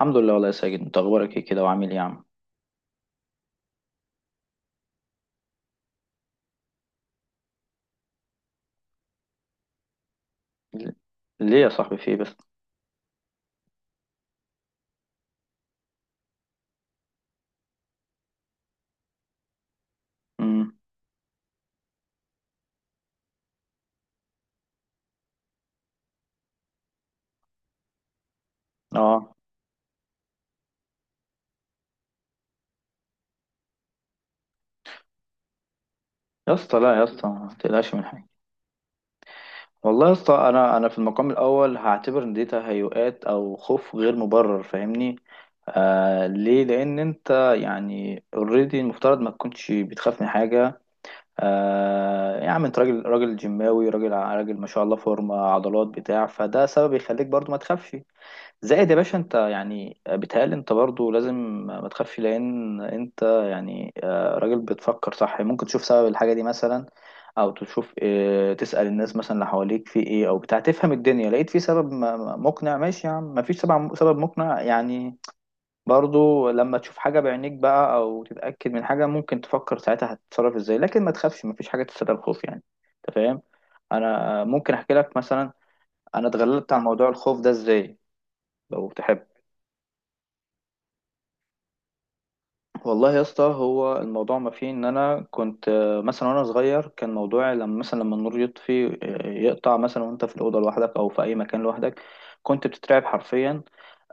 الحمد لله، والله يا ساجد انت اخبارك ايه كده وعامل ايه يا عم؟ ل- ليه يا صاحبي، في ايه بس؟ امم. اه، يا اسطى. لا يا اسطى، ما تقلقش من حاجه. والله يا اسطى، انا في المقام الاول هعتبر ان دي تهيؤات او خوف غير مبرر، فاهمني؟ آه، ليه؟ لان انت يعني اوريدي المفترض ما تكونش بتخاف من حاجه. آه يا عم، انت راجل راجل جيماوي، راجل راجل ما شاء الله، فورمه عضلات بتاع، فده سبب يخليك برضو ما تخافش. زائد يا باشا، انت يعني بيتهيألي انت برضو لازم ما تخافش، لان انت يعني راجل بتفكر صح. ممكن تشوف سبب الحاجة دي مثلا، او تشوف تسأل الناس مثلا اللي حواليك في ايه، او بتاع تفهم الدنيا. لقيت في سبب مقنع؟ ماشي يا عم، مفيش سبب سبب مقنع يعني. برضو لما تشوف حاجة بعينيك بقى، او تتأكد من حاجة، ممكن تفكر ساعتها هتتصرف ازاي، لكن ما تخافش، مفيش حاجة تستدعي الخوف يعني. انت فاهم؟ انا ممكن احكي لك مثلا انا اتغلبت على موضوع الخوف ده ازاي لو تحب. والله يا اسطى، هو الموضوع ما فيه ان انا كنت مثلا وانا صغير كان موضوعي لما مثلا لما النور يطفي يقطع مثلا، وانت في الاوضه لوحدك او في اي مكان لوحدك كنت بتترعب حرفيا.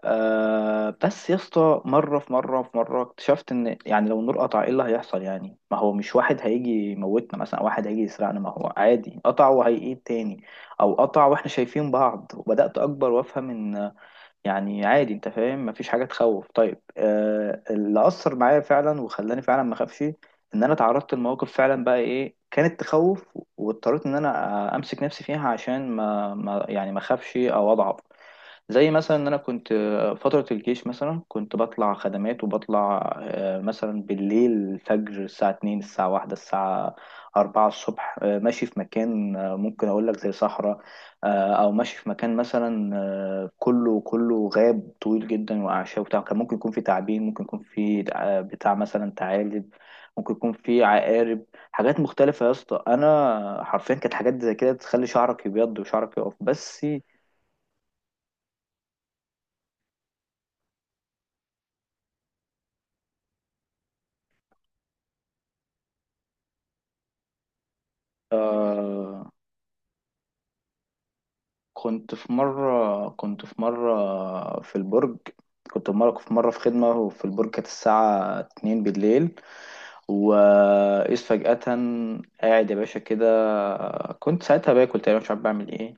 آه، بس يا اسطى مره اكتشفت ان يعني لو النور قطع ايه اللي هيحصل يعني؟ ما هو مش واحد هيجي يموتنا مثلا او واحد هيجي يسرقنا، ما هو عادي، قطع وهيقيد تاني، او قطع واحنا شايفين بعض. وبدات اكبر وافهم ان يعني عادي، انت فاهم، مفيش حاجه تخوف. طيب آه، اللي اثر معايا فعلا وخلاني فعلا ما اخافش، ان انا تعرضت لمواقف فعلا بقى ايه كانت تخوف، واضطريت ان انا امسك نفسي فيها عشان ما يعني ما اخافش او اضعف. زي مثلا ان انا كنت فترة الجيش مثلا، كنت بطلع خدمات وبطلع مثلا بالليل، الفجر، الساعة 2 الساعة 1 الساعة 4 الصبح، ماشي في مكان ممكن اقول لك زي صحراء، او ماشي في مكان مثلا كله كله غاب طويل جدا واعشاب وبتاع. كان ممكن يكون في تعابين، ممكن يكون في بتاع مثلا ثعالب، ممكن يكون في عقارب، حاجات مختلفة يا اسطى. انا حرفيا كانت حاجات زي كده تخلي شعرك يبيض وشعرك يقف بس. آه، كنت في مرة في البرج. كنت في مرة في مرة في خدمة، وفي البرج كانت الساعة اتنين بالليل، وإذ فجأة قاعد يا باشا كده. كنت ساعتها باكل تقريبا، مش عارف بعمل ايه،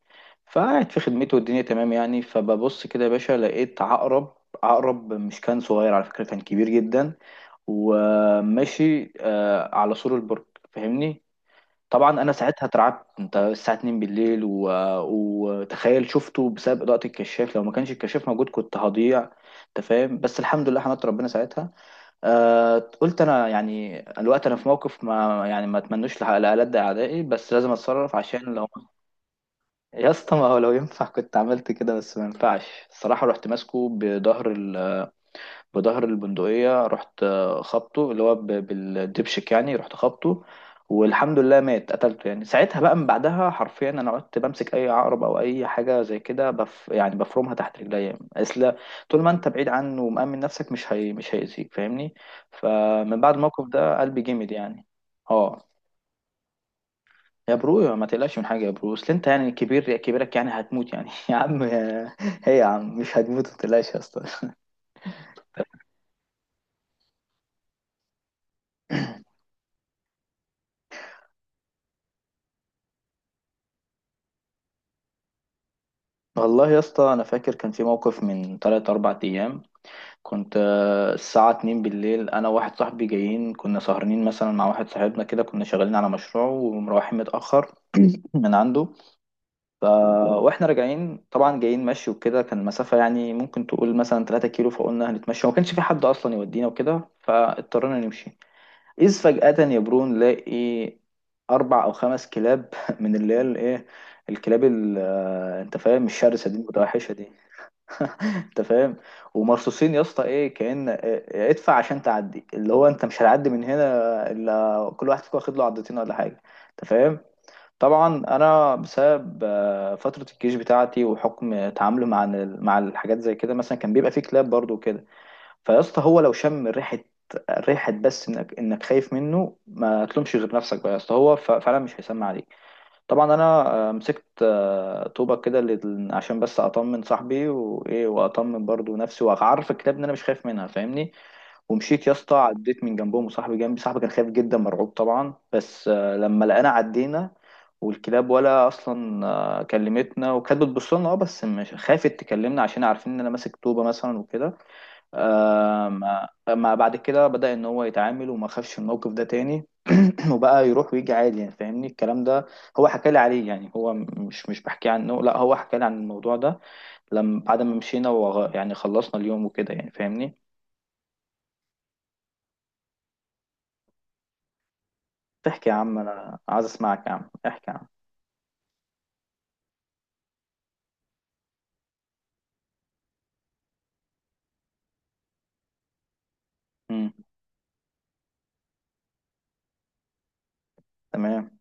فقاعد في خدمته والدنيا تمام يعني. فببص كده يا باشا لقيت عقرب. عقرب مش كان صغير على فكرة، كان كبير جدا، وماشي على سور البرج، فاهمني؟ طبعا انا ساعتها اترعبت، انت الساعه 2 بالليل و... وتخيل شفته بسبب اضاءه الكشاف، لو ما كانش الكشاف موجود كنت هضيع. انت فاهم؟ بس الحمد لله، حمدت ربنا ساعتها. آه... قلت انا يعني الوقت انا في موقف ما يعني، ما اتمنوش لألد اعدائي، بس لازم اتصرف عشان لو يا اسطى ما هو لو ينفع كنت عملت كده، بس ما ينفعش الصراحه. رحت ماسكه بظهر البندقية، رحت خبطه اللي هو بالدبشك يعني، رحت خبطه والحمد لله مات، قتلته يعني ساعتها. بقى من بعدها حرفيا انا قعدت بمسك اي عقرب او اي حاجه زي كده بف، يعني بفرمها تحت رجليا. اصل طول ما انت بعيد عنه ومأمن نفسك، مش هيأذيك، فاهمني؟ فمن بعد الموقف ده قلبي جامد يعني. اه. يا برو ما تقلقش من حاجه يا برو، اصل انت يعني كبير، كبيرك يعني هتموت يعني هي يا عم، مش هتموت، ما تقلقش يا اسطى والله يا اسطى انا فاكر كان في موقف من 3 4 ايام. كنت الساعه 2 بالليل، انا وواحد صاحبي جايين، كنا سهرانين مثلا مع واحد صاحبنا كده، كنا شغالين على مشروع ومروحين متاخر من عنده. ف... واحنا راجعين طبعا جايين مشي وكده، كان المسافه يعني ممكن تقول مثلا 3 كيلو، فقلنا هنتمشى، وما كانش في حد اصلا يودينا وكده، فاضطرينا نمشي. اذ فجاه يا برو نلاقي اربع او خمس كلاب من اللي هي الايه، الكلاب آه، انت فاهم، الشرسه دي، المتوحشه دي. انت فاهم؟ ومرصوصين يا اسطى، ايه كأن ادفع عشان تعدي، اللي هو انت مش هتعدي من هنا الا كل واحد فيكم واخد له عضتين ولا حاجه. انت فاهم؟ طبعا انا بسبب فتره الجيش بتاعتي وحكم تعامله مع مع الحاجات زي كده، مثلا كان بيبقى فيه كلاب برضو وكده، فيا اسطى هو لو شم ريحه، ريحه بس انك خايف منه ما تلومش غير نفسك بقى يا اسطى، هو فعلا مش هيسمع عليك. طبعا انا مسكت طوبة كده عشان بس اطمن صاحبي وايه، واطمن برضو نفسي وعارف الكتاب ان انا مش خايف منها، فاهمني. ومشيت يا اسطى، عديت من جنبهم وصاحبي جنبي، صاحبي كان خايف جدا مرعوب طبعا، بس آه، لما لقينا عدينا، والكلاب ولا اصلا كلمتنا، وكانت بتبص لنا اه، بس مش خافت تكلمنا عشان عارفين ان انا ماسك طوبه مثلا وكده. ما بعد كده بدأ ان هو يتعامل وما خافش الموقف ده تاني وبقى يروح ويجي عادي يعني، فاهمني الكلام ده؟ هو حكى لي عليه يعني، هو مش بحكي عنه، لا هو حكى لي عن الموضوع ده لما بعد ما مشينا وغ... يعني خلصنا اليوم وكده يعني، فاهمني؟ تحكي يا عم، انا عايز اسمعك يا عم، احكي يا عم. امم. تمام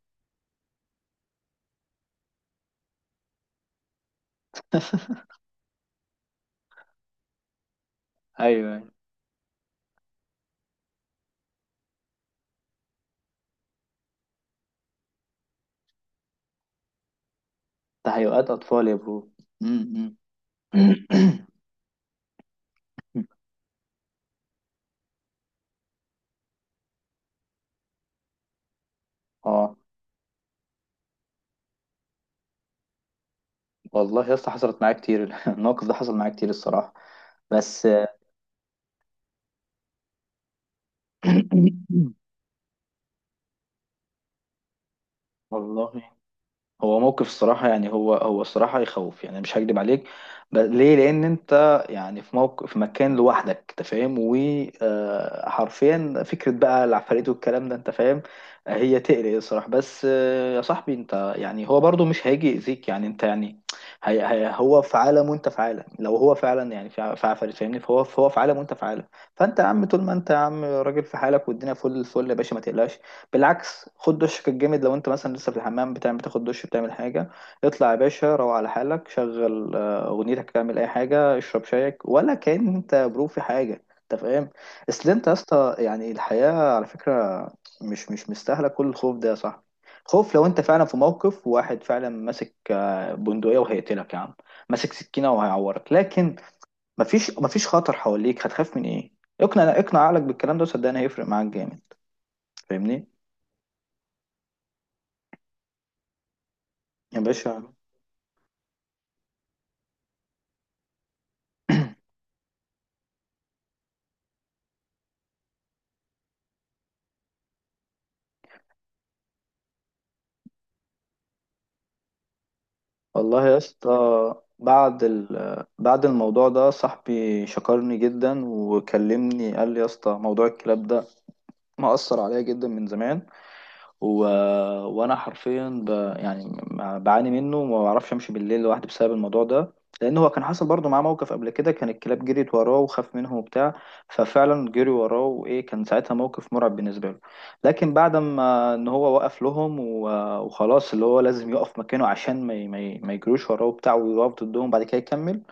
ايوه، أيوة. تهيؤات اطفال يا برو. امم، أمم. اه. والله يا اسطى حصلت معايا كتير الموقف ده حصل معايا كتير الصراحه بس. والله هو موقف الصراحة يعني، هو الصراحة يخوف يعني، مش هكدب عليك. ليه؟ لأن أنت يعني في موقف في مكان لوحدك، أنت فاهم، وحرفيا فكرة بقى العفاريت والكلام ده، أنت فاهم. آه، هي تقلق الصراحة بس آه، يا صاحبي أنت يعني هو برضو مش هيجي يأذيك يعني، أنت يعني هي هي هو في عالم وأنت في عالم. لو هو فعلا يعني في في عفاريت، فاهمني، فهو في عالم وأنت في عالم. فأنت يا عم، طول ما أنت يا عم راجل في حالك والدنيا فل الفل يا باشا، ما تقلقش. بالعكس، خد دشك الجامد لو انت مثلا لسه في الحمام، بتعمل بتاخد دش بتعمل حاجه، اطلع يا باشا، روح على حالك، شغل اغنيتك، اعمل اي حاجه، اشرب شايك، ولا كان انت برو في حاجه، انت فاهم. اصل انت يا اسطى يعني الحياه على فكره مش مستاهله كل الخوف ده يا صاحبي. خوف لو انت فعلا في موقف، واحد فعلا ماسك بندقيه وهيقتلك يا عم، ماسك سكينه وهيعورك، لكن مفيش خطر حواليك، هتخاف من ايه؟ اقنع اقنع عقلك بالكلام ده، صدقني هيفرق معاك جامد، فاهمني يا باشا. والله يا اسطى بعد ال... بعد الموضوع ده صاحبي شكرني جدا وكلمني، قال لي يا اسطى موضوع الكلاب ده مأثر عليا جدا من زمان. و... وانا حرفيا ب... يعني بعاني منه وما بعرفش امشي بالليل لوحدي بسبب الموضوع ده، لان هو كان حصل برضه معاه موقف قبل كده، كان الكلاب جريت وراه وخاف منهم وبتاع. ففعلا جري وراه وايه، كان ساعتها موقف مرعب بالنسبه له. لكن بعد ما ان هو وقف لهم و... وخلاص اللي هو لازم يقف مكانه عشان ما يجروش وراه وبتاع ويقف ضدهم، بعد كده يكمل.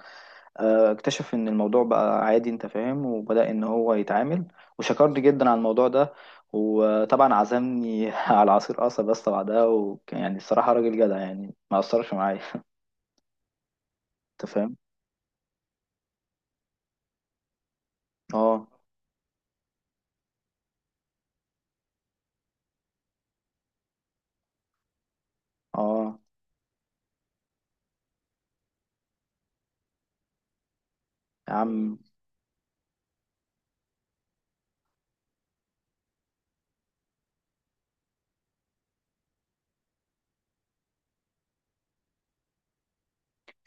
آه، اكتشف ان الموضوع بقى عادي، انت فاهم، وبدأ ان هو يتعامل، وشكرني جدا على الموضوع ده. وطبعا عزمني على عصير قصب بس بعدها، وكان يعني الصراحة راجل جدع يعني، ما أثرش معايا انت فاهم. اه. اه يا عم،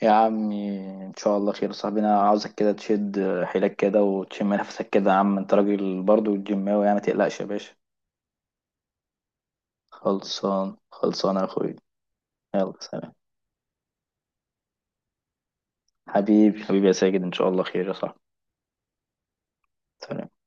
يا عمي ان شاء الله خير. صاحبنا عاوزك كده تشد حيلك كده وتشم نفسك كده يا عم، انت راجل برضو جيماوي يعني، ما تقلقش يا باشا. خلصان خلصان يا اخوي، يلا سلام. حبيبي حبيبي يا ساجد، ان شاء الله خير يا صاحبي. سلام.